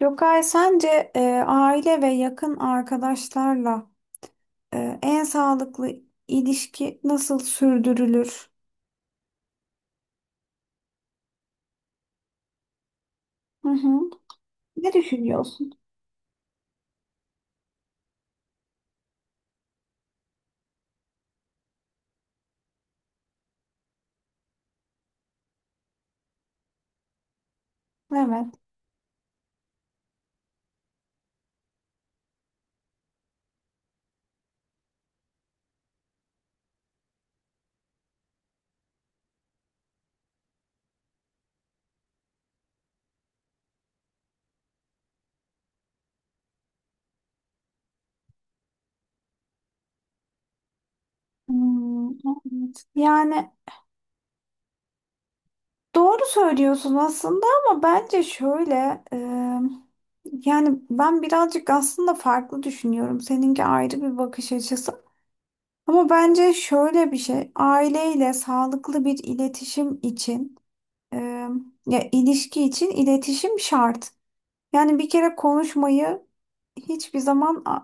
Gökay, sence aile ve yakın arkadaşlarla en sağlıklı ilişki nasıl sürdürülür? Hı hı. Ne düşünüyorsun? Evet. Hmm, evet. Yani doğru söylüyorsun aslında, ama bence şöyle e, yani ben birazcık aslında farklı düşünüyorum. Seninki ayrı bir bakış açısı. Ama bence şöyle bir şey, aileyle sağlıklı bir iletişim için Ee, ya ilişki için iletişim şart. Yani bir kere konuşmayı hiçbir zaman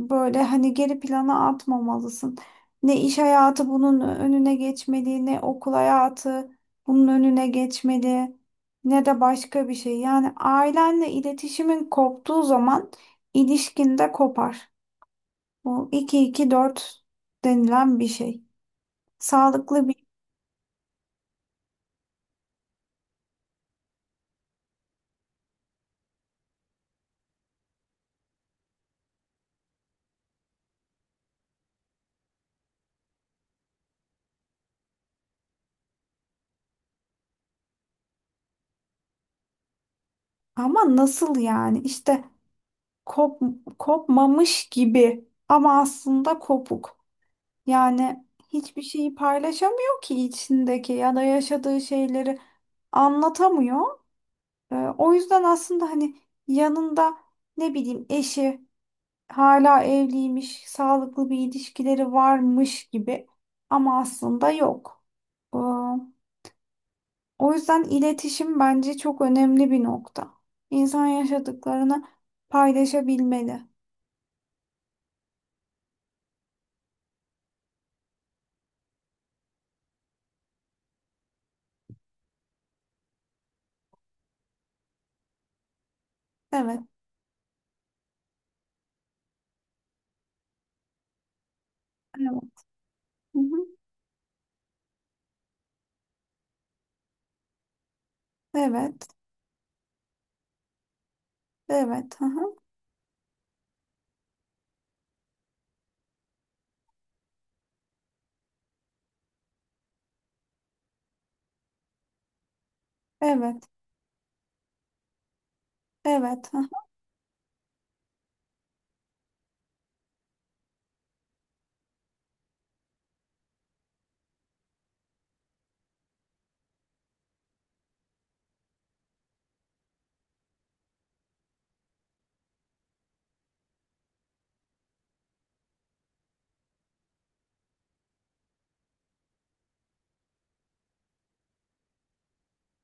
böyle hani geri plana atmamalısın. Ne iş hayatı bunun önüne geçmeli, ne okul hayatı bunun önüne geçmeli, ne de başka bir şey. Yani ailenle iletişimin koptuğu zaman ilişkin de kopar. Bu iki iki dört denilen bir şey. Sağlıklı bir ama nasıl yani? İşte Kop, kopmamış gibi ama aslında kopuk. Yani hiçbir şeyi paylaşamıyor ki, içindeki ya da yaşadığı şeyleri anlatamıyor. O yüzden aslında hani yanında ne bileyim eşi hala evliymiş, sağlıklı bir ilişkileri varmış gibi ama aslında yok. Ee, o yüzden iletişim bence çok önemli bir nokta. İnsan yaşadıklarını paylaşabilmeli. Evet. Evet. Hı hı. Evet, evet, hı hı, evet, evet, hı hı.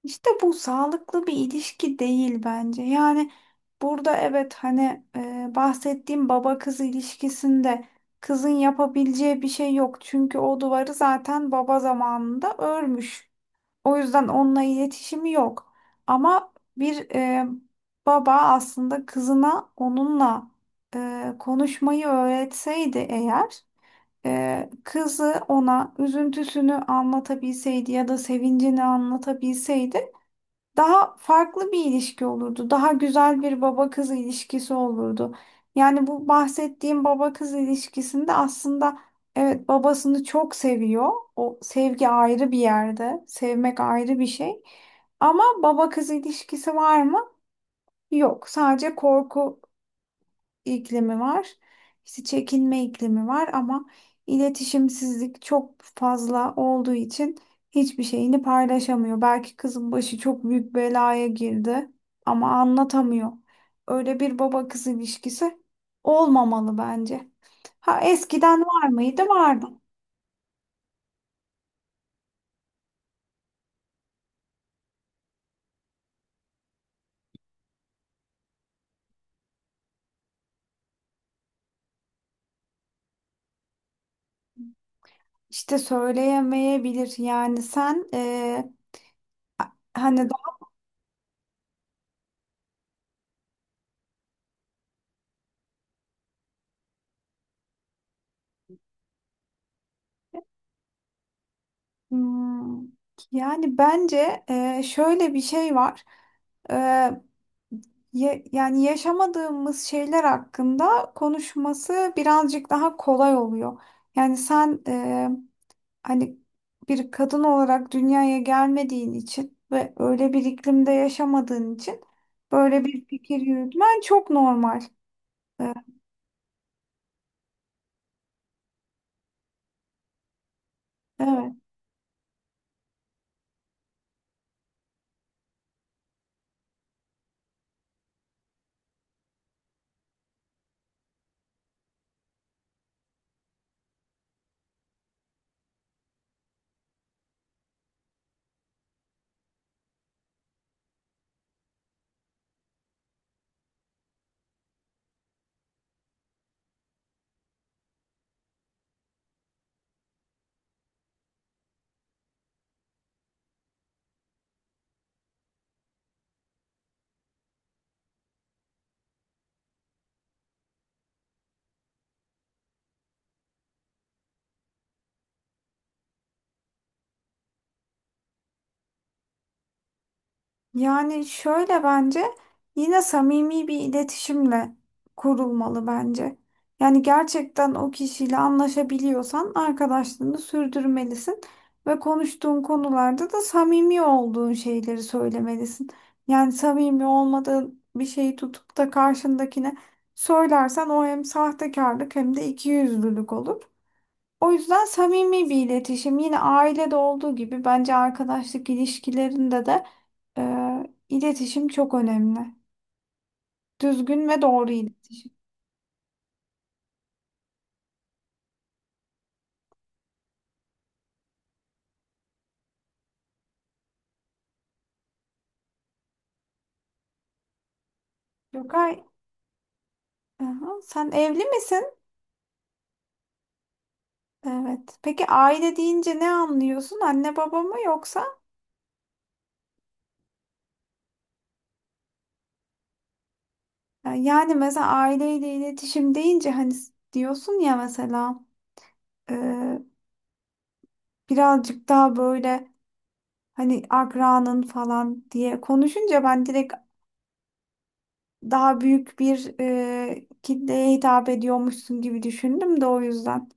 İşte bu sağlıklı bir ilişki değil bence. Yani burada, evet hani, bahsettiğim baba kız ilişkisinde kızın yapabileceği bir şey yok. Çünkü o duvarı zaten baba zamanında örmüş. O yüzden onunla iletişimi yok. Ama bir baba aslında kızına onunla konuşmayı öğretseydi eğer kızı ona üzüntüsünü anlatabilseydi ya da sevincini anlatabilseydi daha farklı bir ilişki olurdu. Daha güzel bir baba kız ilişkisi olurdu. Yani bu bahsettiğim baba kız ilişkisinde aslında evet babasını çok seviyor. O sevgi ayrı bir yerde. Sevmek ayrı bir şey. Ama baba kız ilişkisi var mı? Yok. Sadece korku iklimi var. İşte çekinme iklimi var ama iletişimsizlik çok fazla olduğu için hiçbir şeyini paylaşamıyor. Belki kızın başı çok büyük belaya girdi ama anlatamıyor. Öyle bir baba kız ilişkisi olmamalı bence. Ha, eskiden var mıydı? Vardı. İşte söyleyemeyebilir. Yani sen hani Hmm, yani bence şöyle bir şey var. E, yani yaşamadığımız şeyler hakkında konuşması birazcık daha kolay oluyor. Yani sen hani bir kadın olarak dünyaya gelmediğin için ve öyle bir iklimde yaşamadığın için böyle bir fikir yürütmen çok normal. E, Evet. Yani şöyle, bence yine samimi bir iletişimle kurulmalı bence. Yani gerçekten o kişiyle anlaşabiliyorsan arkadaşlığını sürdürmelisin ve konuştuğun konularda da samimi olduğun şeyleri söylemelisin. Yani samimi olmadığın bir şeyi tutup da karşındakine söylersen o hem sahtekarlık hem de ikiyüzlülük olur. O yüzden samimi bir iletişim yine ailede olduğu gibi bence arkadaşlık ilişkilerinde de e, iletişim çok önemli. Düzgün ve doğru iletişim. Gökay, aha, sen evli misin? Evet. Peki, aile deyince ne anlıyorsun? Anne baba mı, yoksa? Yani mesela aileyle iletişim deyince hani diyorsun ya mesela e, birazcık daha böyle hani akranın falan diye konuşunca ben direkt daha büyük bir kitleye hitap ediyormuşsun gibi düşündüm de o yüzden.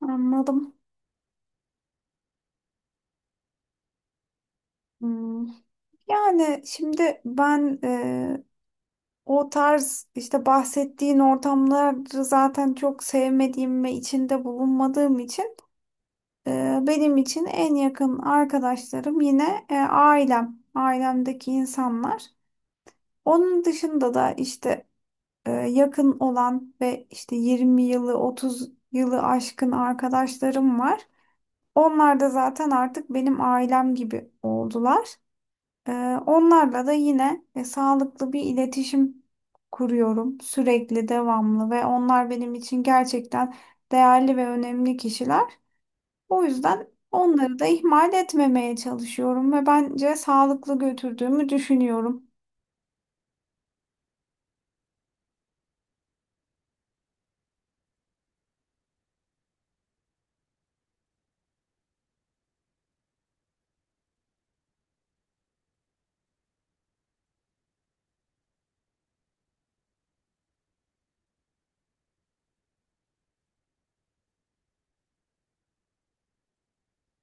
Anladım. Hmm. Yani şimdi ben o tarz işte bahsettiğin ortamları zaten çok sevmediğim ve içinde bulunmadığım için benim için en yakın arkadaşlarım yine ailem, ailemdeki insanlar. Onun dışında da işte yakın olan ve işte 20 yılı 30 yılı aşkın arkadaşlarım var. Onlar da zaten artık benim ailem gibi oldular. Ee, onlarla da yine sağlıklı bir iletişim kuruyorum sürekli, devamlı ve onlar benim için gerçekten değerli ve önemli kişiler. O yüzden onları da ihmal etmemeye çalışıyorum ve bence sağlıklı götürdüğümü düşünüyorum.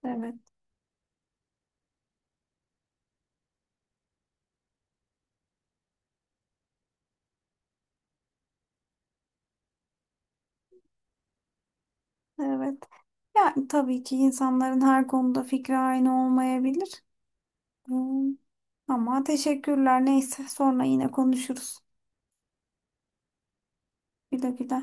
Evet, evet. Yani tabii ki insanların her konuda fikri aynı olmayabilir. Hmm, ama teşekkürler. Neyse, sonra yine konuşuruz. Güle güle.